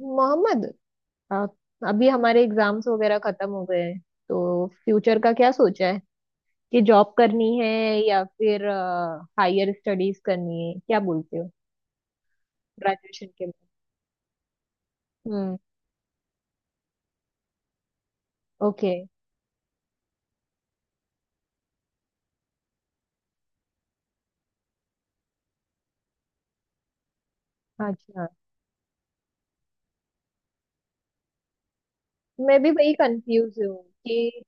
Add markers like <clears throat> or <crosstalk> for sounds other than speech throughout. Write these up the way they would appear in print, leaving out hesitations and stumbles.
मोहम्मद, आ, अभी हमारे एग्जाम्स वगैरह खत्म हो गए हैं। तो फ्यूचर का क्या सोचा है? कि जॉब करनी है या फिर हायर स्टडीज करनी है? क्या बोलते हो ग्रेजुएशन के बाद? हम्म। ओके। अच्छा। मैं भी वही कंफ्यूज हूँ कि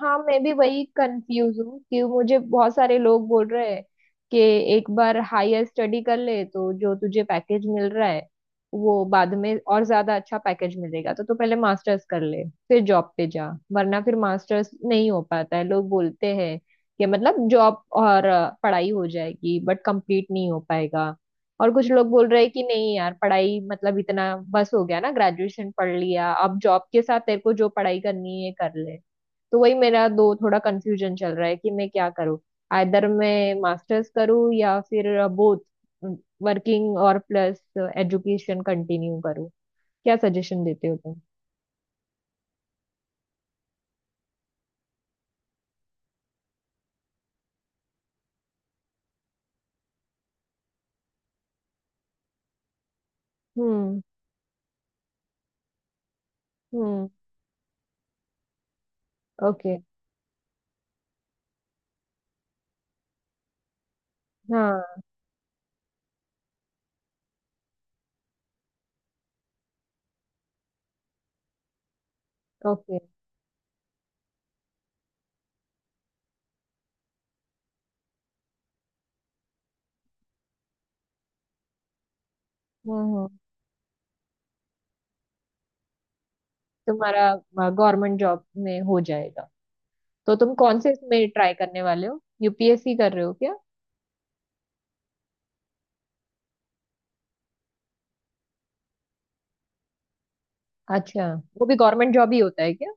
हाँ, मैं भी वही कंफ्यूज हूँ कि मुझे बहुत सारे लोग बोल रहे हैं कि एक बार हायर स्टडी कर ले तो जो तुझे पैकेज मिल रहा है वो बाद में और ज्यादा अच्छा पैकेज मिलेगा, तो तू पहले मास्टर्स कर ले, फिर जॉब पे जा, वरना फिर मास्टर्स नहीं हो पाता है। लोग बोलते हैं कि मतलब जॉब और पढ़ाई हो जाएगी बट कंप्लीट नहीं हो पाएगा। और कुछ लोग बोल रहे हैं कि नहीं यार, पढ़ाई मतलब इतना बस हो गया ना, ग्रेजुएशन पढ़ लिया, अब जॉब के साथ तेरे को जो पढ़ाई करनी है कर ले। तो वही मेरा दो थोड़ा कंफ्यूजन चल रहा है कि मैं क्या करूँ। आइदर मैं मास्टर्स करूँ या फिर बोथ, वर्किंग और प्लस एजुकेशन कंटिन्यू करूँ। क्या सजेशन देते हो तुम? हम्म हम्म। ओके। हाँ। ओके। हम्म। तुम्हारा गवर्नमेंट जॉब में हो जाएगा तो तुम कौन से इसमें ट्राई करने वाले हो? यूपीएससी कर रहे हो क्या? अच्छा। वो भी गवर्नमेंट जॉब ही होता है क्या?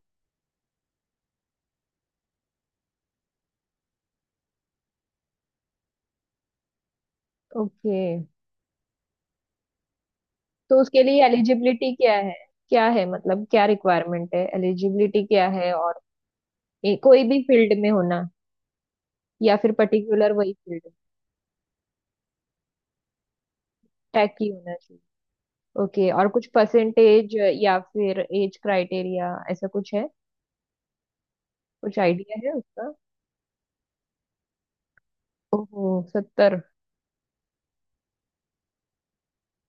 ओके। तो उसके लिए एलिजिबिलिटी क्या है? क्या है मतलब, क्या रिक्वायरमेंट है, एलिजिबिलिटी क्या है, और ये कोई भी फील्ड में होना या फिर पर्टिकुलर वही फील्ड? टैक ही होना चाहिए? ओके। और कुछ परसेंटेज या फिर एज क्राइटेरिया, ऐसा कुछ है? कुछ आइडिया है उसका? ओहो, 70?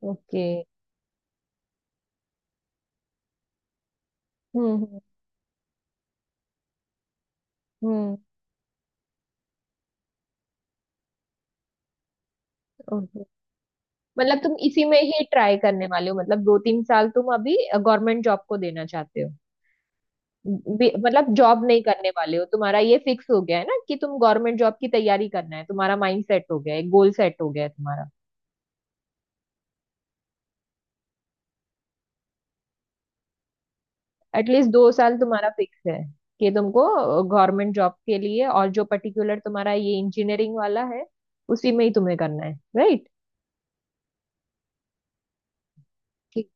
ओके। हम्म। हम्म, ओके। मतलब तुम इसी में ही ट्राई करने वाले हो? मतलब 2-3 साल तुम अभी गवर्नमेंट जॉब को देना चाहते हो? मतलब जॉब नहीं करने वाले हो? तुम्हारा ये फिक्स हो गया है ना कि तुम गवर्नमेंट जॉब की तैयारी करना है, तुम्हारा माइंड सेट हो गया है, गोल सेट हो गया है तुम्हारा। एटलीस्ट 2 साल तुम्हारा फिक्स है कि तुमको गवर्नमेंट जॉब के लिए, और जो पर्टिकुलर तुम्हारा ये इंजीनियरिंग वाला है उसी में ही तुम्हें करना है, राइट? ठीक।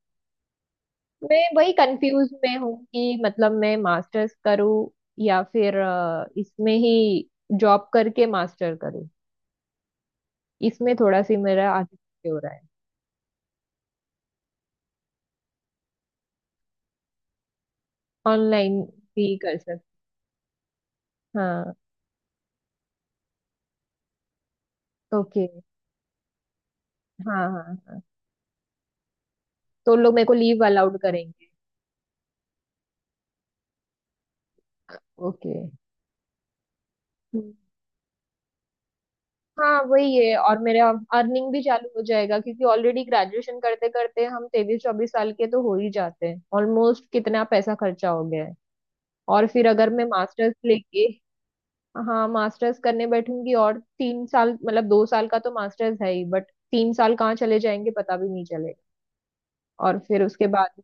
मैं वही कंफ्यूज में हूँ कि मतलब मैं मास्टर्स करूँ या फिर इसमें ही जॉब करके मास्टर करूँ। इसमें थोड़ा सी मेरा आगे पीछे हो रहा है। ऑनलाइन भी कर सकते। हाँ। ओके। हाँ हाँ हाँ। तो लोग मेरे को लीव अलाउड करेंगे? ओके। हम्म। हाँ, वही है। और मेरा अर्निंग भी चालू हो जाएगा क्योंकि ऑलरेडी ग्रेजुएशन करते करते हम 23-24 साल के तो हो ही जाते हैं, ऑलमोस्ट कितना पैसा खर्चा हो गया है। और फिर अगर मैं मास्टर्स लेके, हाँ, मास्टर्स करने बैठूंगी, और 3 साल मतलब 2 साल का तो मास्टर्स है ही बट 3 साल कहाँ चले जाएंगे पता भी नहीं चलेगा। और फिर उसके बाद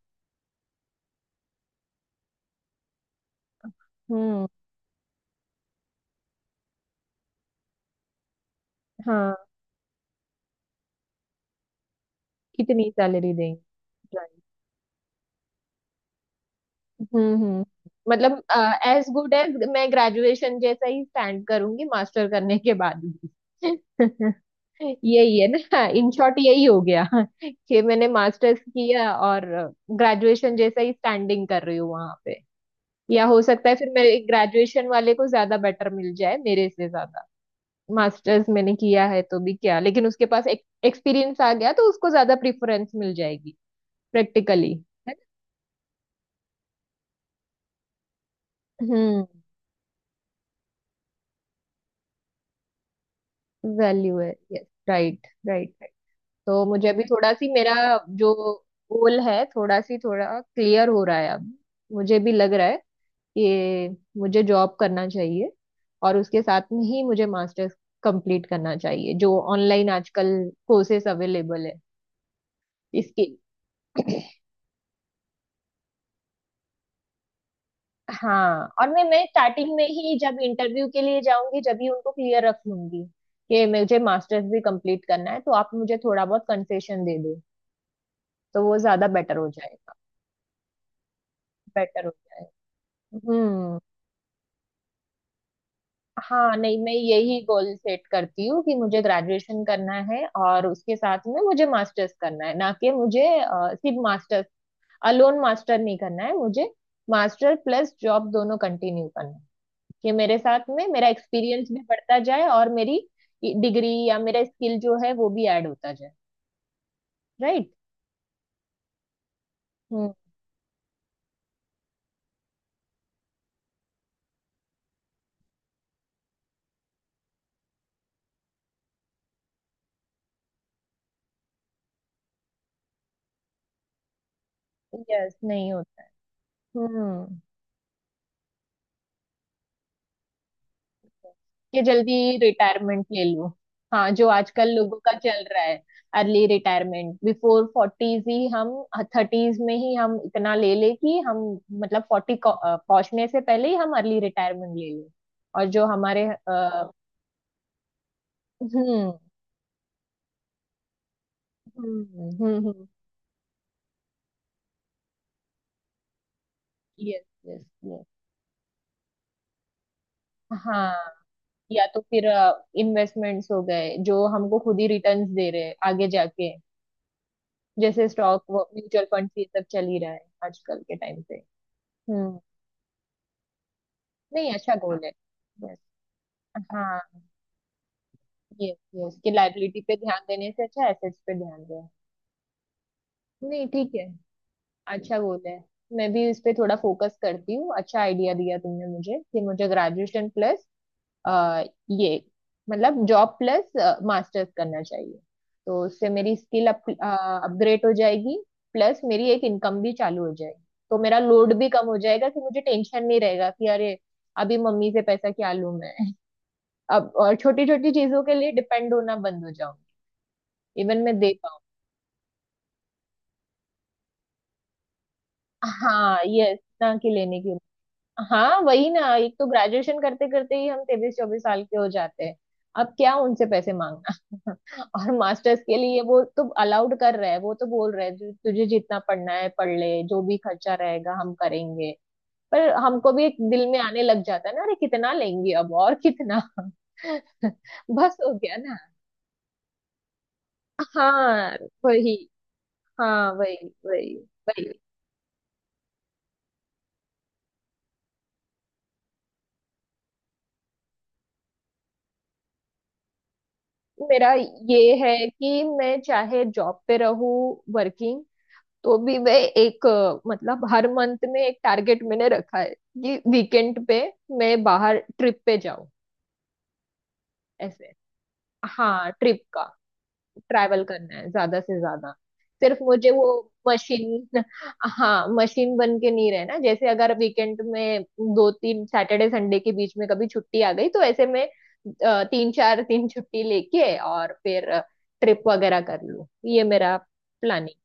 हम्म। हाँ। कितनी सैलरी देंगे? हम्म। मतलब एज गुड एज मैं ग्रेजुएशन जैसा ही स्टैंड करूंगी मास्टर करने के बाद भी। <laughs> यही है ना, इन शॉर्ट यही हो गया कि मैंने मास्टर्स किया और ग्रेजुएशन जैसा ही स्टैंडिंग कर रही हूँ वहां पे। या हो सकता है फिर मेरे ग्रेजुएशन वाले को ज्यादा बेटर मिल जाए मेरे से ज्यादा। मास्टर्स मैंने किया है तो भी क्या, लेकिन उसके पास एक एक्सपीरियंस आ गया तो उसको ज्यादा प्रेफरेंस मिल जाएगी। प्रैक्टिकली। है ना? हम्म। वैल्यू है। Yes, right right right. तो मुझे अभी थोड़ा सी मेरा जो गोल है थोड़ा सी थोड़ा क्लियर हो रहा है अब। मुझे भी लग रहा है कि मुझे जॉब करना चाहिए और उसके साथ में ही मुझे मास्टर्स कंप्लीट करना चाहिए, जो ऑनलाइन आजकल कोर्सेस अवेलेबल है। इसके <clears throat> हाँ। और मैं स्टार्टिंग में ही जब इंटरव्यू के लिए जाऊंगी, जब ही उनको क्लियर रख लूंगी कि मुझे मास्टर्स भी कंप्लीट करना है, तो आप मुझे थोड़ा बहुत कंसेशन दे दो, तो वो ज्यादा बेटर हो जाएगा। बेटर हो जाए। हम्म। हाँ, नहीं मैं यही गोल सेट करती हूँ कि मुझे ग्रेजुएशन करना है और उसके साथ में मुझे मास्टर्स करना है, ना कि मुझे सिर्फ मास्टर्स अलोन मास्टर नहीं करना है मुझे। मास्टर प्लस जॉब दोनों कंटिन्यू करना है कि मेरे साथ में मेरा एक्सपीरियंस भी बढ़ता जाए और मेरी डिग्री या मेरा स्किल जो है वो भी ऐड होता जाए। राइट। हम्म। यस, नहीं होता है। हम्म। कि जल्दी रिटायरमेंट ले लो, हाँ जो आजकल लोगों का चल रहा है। अर्ली रिटायरमेंट बिफोर फोर्टीज ही, हम थर्टीज में ही हम इतना ले ले कि हम, मतलब फोर्टी पहुंचने से पहले ही हम अर्ली रिटायरमेंट ले लें। और जो हमारे हम्म हम्म। Yes yes yes. हाँ, या तो फिर इन्वेस्टमेंट्स हो गए जो हमको खुद ही रिटर्न्स दे रहे हैं आगे जाके, जैसे स्टॉक म्यूचुअल फंड ये सब चल ही रहा है आजकल के टाइम पे। हम्म। नहीं अच्छा गोल है। यस। हाँ। यस यस कि लाइबिलिटी पे ध्यान देने से अच्छा एसेट्स पे ध्यान दें। नहीं ठीक है, अच्छा गोल है। मैं भी इस पे थोड़ा फोकस करती हूँ। अच्छा आइडिया दिया तुमने मुझे कि मुझे ग्रेजुएशन प्लस ये मतलब जॉब प्लस मास्टर्स करना चाहिए तो उससे मेरी अपग्रेड हो जाएगी, प्लस मेरी एक इनकम भी चालू हो जाएगी, तो मेरा लोड भी कम हो जाएगा कि मुझे टेंशन नहीं रहेगा कि अरे, अभी मम्मी से पैसा क्या लूं मैं, अब और छोटी छोटी चीजों के लिए डिपेंड होना बंद हो जाऊंगी। इवन मैं दे पाऊँ। हाँ, यस ना कि लेने की उम्र। हाँ वही ना, एक तो ग्रेजुएशन करते करते ही हम 23-24 साल के हो जाते हैं, अब क्या उनसे पैसे मांगना। <laughs> और मास्टर्स के लिए वो तो अलाउड कर रहा है, वो तो बोल रहा है तुझे जितना पढ़ना है पढ़ ले, जो भी खर्चा रहेगा हम करेंगे।" पर हमको भी एक दिल में आने लग जाता है ना, अरे कितना लेंगे अब और कितना। <laughs> बस हो गया ना। हाँ वही। हाँ वही। वही। वही। मेरा ये है कि मैं चाहे जॉब पे रहूँ, वर्किंग, तो भी मैं एक मतलब हर मंथ में एक टारगेट मैंने रखा है कि वीकेंड पे मैं बाहर ट्रिप पे जाऊँ। ऐसे, हाँ, ट्रिप का, ट्रैवल करना है ज्यादा से ज्यादा। सिर्फ मुझे वो मशीन, हाँ मशीन बन के नहीं रहना। जैसे अगर वीकेंड में 2-3 सैटरडे संडे के बीच में कभी छुट्टी आ गई, तो ऐसे में 3-4 दिन छुट्टी लेके और फिर ट्रिप वगैरह कर लूं, ये मेरा प्लानिंग।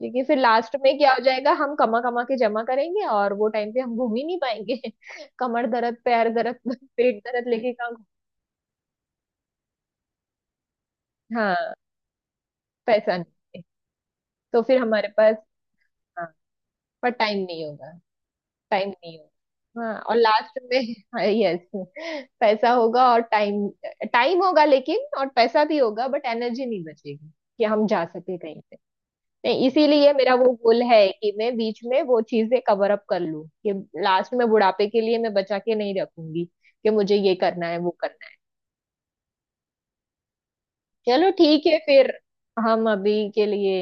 क्योंकि फिर लास्ट में क्या हो जाएगा, हम कमा कमा के जमा करेंगे और वो टाइम पे हम घूम ही नहीं पाएंगे। <laughs> कमर दर्द, पैर दर्द, पेट दर्द लेके कहाँ हाँ, पैसा नहीं है। तो फिर हमारे पास, हाँ। पर टाइम नहीं होगा। टाइम नहीं होगा। हाँ, और लास्ट में <laughs> यस, पैसा होगा और टाइम, टाइम होगा लेकिन, और पैसा भी होगा बट एनर्जी नहीं बचेगी कि हम जा सके कहीं पे। नहीं इसीलिए मेरा वो गोल है कि मैं बीच में वो चीजें कवर अप कर लूं कि लास्ट में बुढ़ापे के लिए मैं बचा के नहीं रखूंगी कि मुझे ये करना है वो करना है। चलो ठीक है फिर, हम अभी के लिए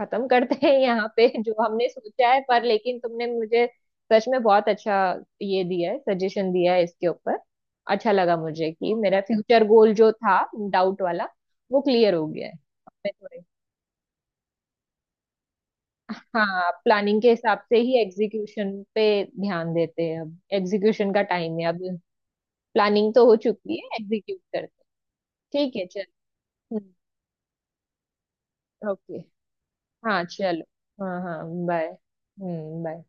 खत्म करते हैं यहाँ पे <laughs> जो हमने सोचा है। पर लेकिन तुमने मुझे सच में बहुत अच्छा ये दिया है, सजेशन दिया है इसके ऊपर। अच्छा लगा मुझे कि मेरा फ्यूचर गोल जो था, डाउट वाला, वो क्लियर हो गया है। अब मैं थोड़े, हाँ, प्लानिंग के हिसाब से ही एग्जीक्यूशन पे ध्यान देते हैं, अब एग्जीक्यूशन का टाइम है अब, प्लानिंग तो हो चुकी है, एग्जीक्यूट करते हैं। ठीक है चल। ओके। हाँ चलो। हाँ हाँ बाय। हम्म। बाय।